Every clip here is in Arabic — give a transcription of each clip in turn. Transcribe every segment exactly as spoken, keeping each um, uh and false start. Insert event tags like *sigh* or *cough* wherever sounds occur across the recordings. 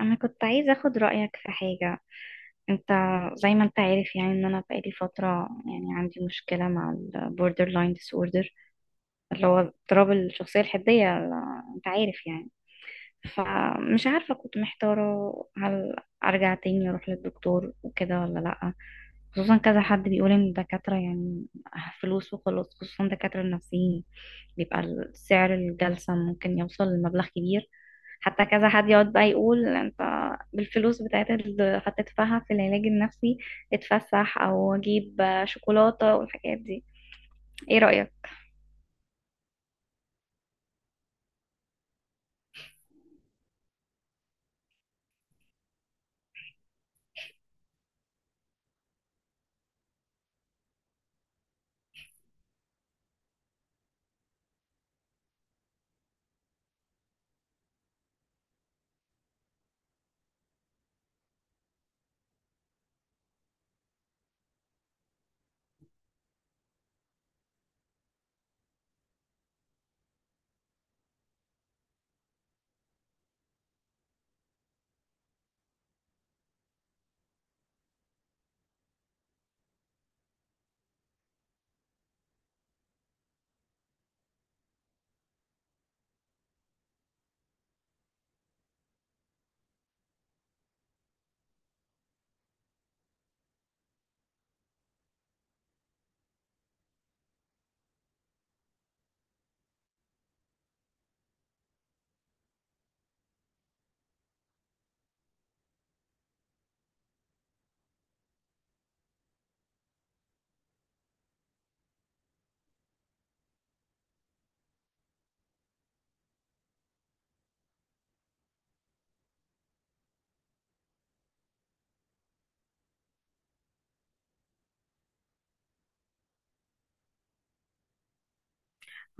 انا كنت عايزه اخد رايك في حاجه، انت. زي ما انت عارف، يعني ان انا بقالي فتره، يعني عندي مشكله مع البوردر لاين disorder اللي هو اضطراب الشخصيه الحديه ال- انت عارف يعني. فمش عارفه، كنت محتاره هل ارجع تاني اروح للدكتور وكده ولا لا؟ خصوصا كذا حد بيقول ان الدكاتره يعني فلوس وخلاص، خصوصا دكاتره النفسيين بيبقى سعر الجلسه ممكن يوصل لمبلغ كبير. حتى كذا حد يقعد بقى يقول انت بالفلوس بتاعت اللي هتدفعها في العلاج النفسي اتفسح او اجيب شوكولاتة والحاجات دي. ايه رأيك؟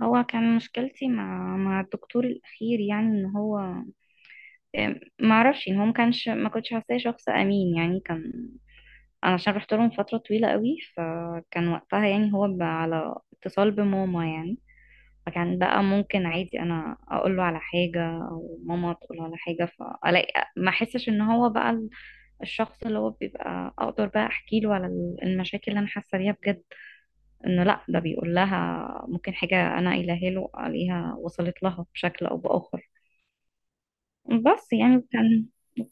هو كان مشكلتي مع مع الدكتور الاخير، يعني ان هو ما اعرفش ان هو ما كانش ما كنتش حاساه شخص امين، يعني كان. انا عشان رحت لهم فترة طويلة قوي، فكان وقتها يعني هو ب- على اتصال بماما يعني. فكان بقى ممكن عادي انا اقول له على حاجه او ماما تقول له على حاجه، فالاقي ما احسش ان هو بقى ال- الشخص اللي هو بيبقى اقدر بقى احكي له على ال- المشاكل اللي انا حاسه بيها بجد، انه لا ده بيقول لها ممكن حاجه انا قايلها له عليها وصلت لها بشكل او باخر. بس يعني كان.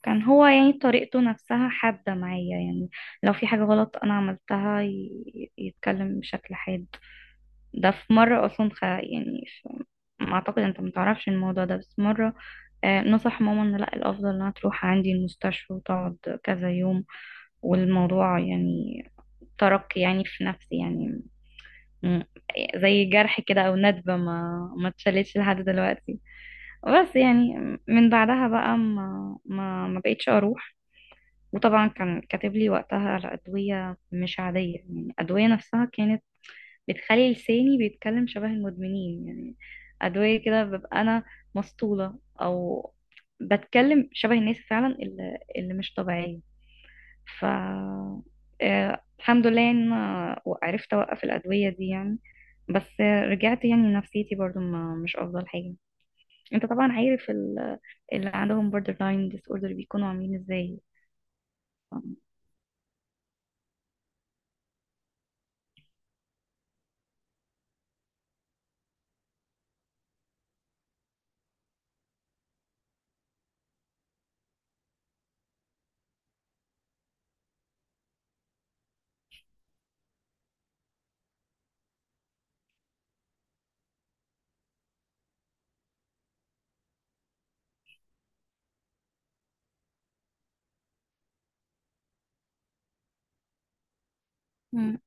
كان هو يعني طريقته نفسها حادة معايا، يعني لو في حاجة غلط أنا عملتها ي- يتكلم بشكل حاد. ده في مرة أصلا خ... يعني ف... ما أعتقد أنت متعرفش الموضوع ده، بس مرة آه، نصح ماما إن لأ الأفضل إنها تروح عندي المستشفى وتقعد كذا يوم. والموضوع يعني ترك يعني في نفسي يعني م- زي جرح كده أو ندبة ما ما اتشالتش لحد دلوقتي. بس يعني من بعدها بقى ما ما, ما بقيتش أروح. وطبعا كان كاتب لي وقتها على أدوية مش عادية، يعني الأدوية نفسها كانت بتخلي لساني بيتكلم شبه المدمنين يعني، أدوية كده ببقى أنا مسطولة أو بتكلم شبه الناس فعلا اللي, اللي مش طبيعية. ف آه، الحمد لله يعني أنا عرفت أوقف الأدوية دي يعني. بس آه، رجعت يعني نفسيتي برضو ما مش أفضل حاجة. أنت طبعا عارف ال- اللي عندهم borderline disorder بيكونوا عاملين إزاي. مم.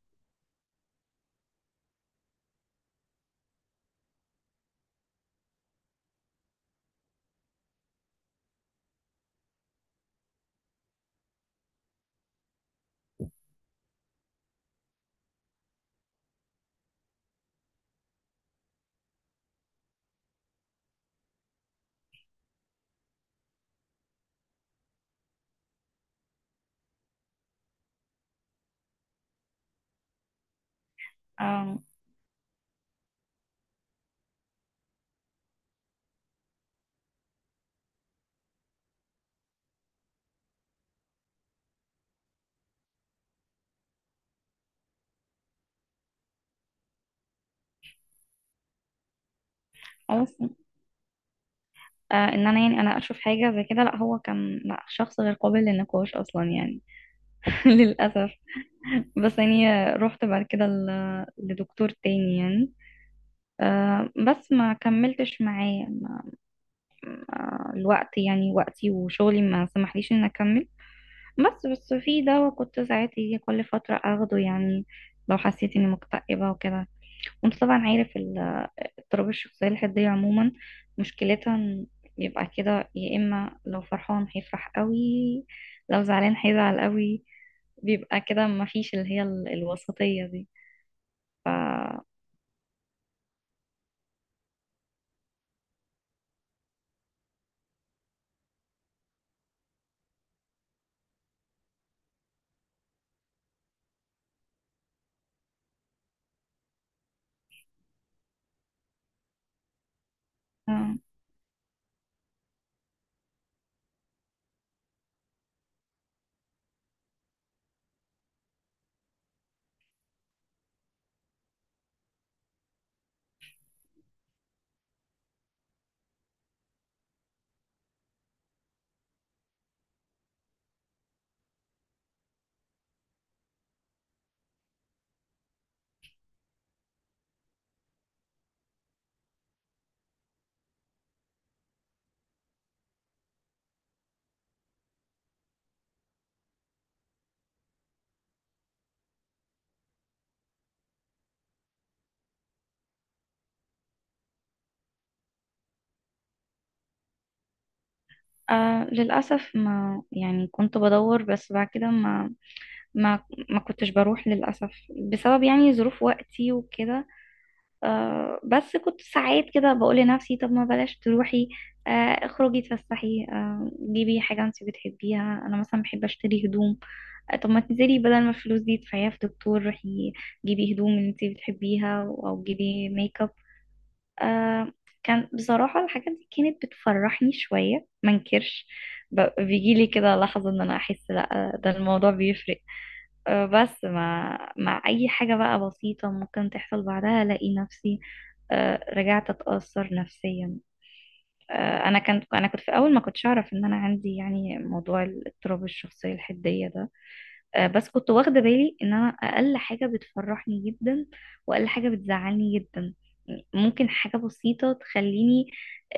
اه. اه بس. آه، ان انا يعني انا اشوف حاجه زي كده، لا هو كان، لا شخص غير قابل للنقاش اصلا يعني. *laughs* للأسف. بس يعني رحت بعد كده ل- لدكتور تاني يعني، آه، بس ما كملتش معاه. ما- ما- الوقت يعني وقتي وشغلي ما سمحليش ان اكمل. بس بس في دواء كنت ساعات يجي كل فترة اخده، يعني لو حسيت اني مكتئبة وكده. وانت طبعا عارف ال- اضطراب الشخصية الحدية عموما مشكلتها إن يبقى كده. يا اما لو فرحان هيفرح قوي، لو زعلان هيزعل قوي، بيبقى كده، ما فيش اللي هي ال- الوسطية دي. ف... آه. آه للأسف ما يعني كنت بدور، بس بعد كده ما ما ما كنتش بروح للأسف، بسبب يعني ظروف وقتي وكده. آه بس كنت ساعات كده بقول لنفسي طب ما بلاش تروحي، آه، اخرجي اتفسحي، آه جيبي حاجة انت بتحبيها. أنا مثلا بحب أشتري هدوم. آه، طب ما تنزلي بدل ما الفلوس دي تدفعيها في دكتور، روحي جيبي هدوم انت بتحبيها أو جيبي ميك اب. آه، كان بصراحة الحاجات دي كانت بتفرحني شوية منكرش، بيجي لي كده لحظة ان انا احس لا ده الموضوع بيفرق. آه بس مع مع اي حاجة بقى بسيطة ممكن تحصل بعدها الاقي نفسي آه رجعت اتأثر نفسيا. آه انا كنت انا كنت في الاول ما كنتش اعرف ان انا عندي يعني موضوع الاضطراب الشخصية الحدية ده. آه، بس كنت واخدة بالي ان انا اقل حاجة بتفرحني جدا واقل حاجة بتزعلني جدا، ممكن حاجة بسيطة تخليني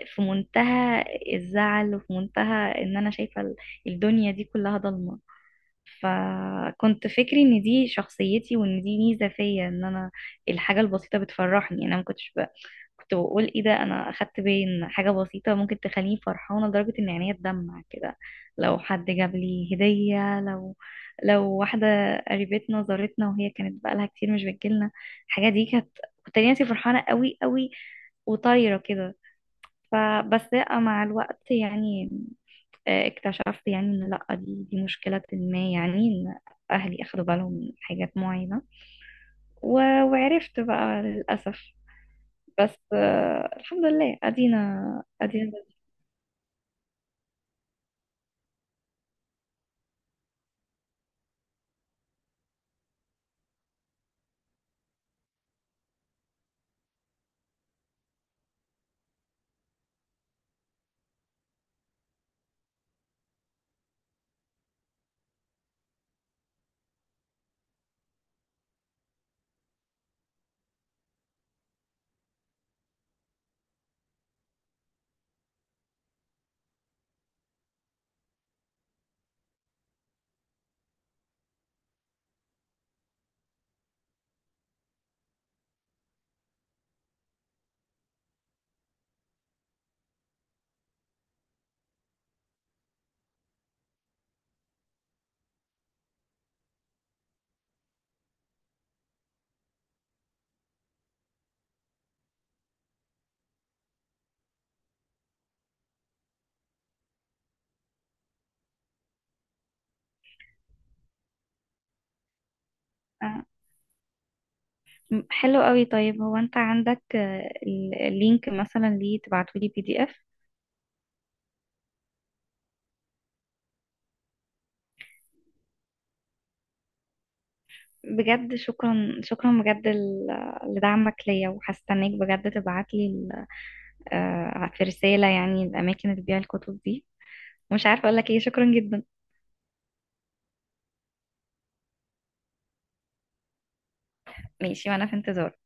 في منتهى الزعل وفي منتهى ان انا شايفة ال- الدنيا دي كلها ضلمة. فكنت فكري ان دي شخصيتي وان دي ميزة فيا، ان انا الحاجة البسيطة بتفرحني. انا ما كنتش ب- كنت بقول ايه ده، انا اخدت بالي ان حاجه بسيطه ممكن تخليني فرحانه لدرجه ان عينيا تدمع كده. لو حد جاب لي هديه، لو لو واحده قريبتنا زارتنا وهي كانت بقالها كتير مش بتجيلنا، الحاجه دي كانت، كنت ألاقي نفسي فرحانه قوي قوي وطايره كده. فبس لأ، مع الوقت يعني آه، اكتشفت يعني ان لا دي دي مشكله ما، يعني ان اهلي اخدوا بالهم من حاجات معينه، و- وعرفت بقى للاسف. بس آه، الحمد لله ادينا ادينا. آه، م- حلو قوي. طيب هو انت عندك آه، ال- اللينك مثلا، ليه تبعتولي بي دي اف؟ بجد شكرا شكرا بجد ل- لدعمك ليا، وهستناك بجد تبعتلي ال- آه، في رسالة يعني الأماكن اللي بتبيع الكتب دي. مش عارفة أقولك إيه، شكرا جدا. ماشي وأنا في انتظارك.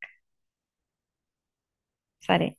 سلام.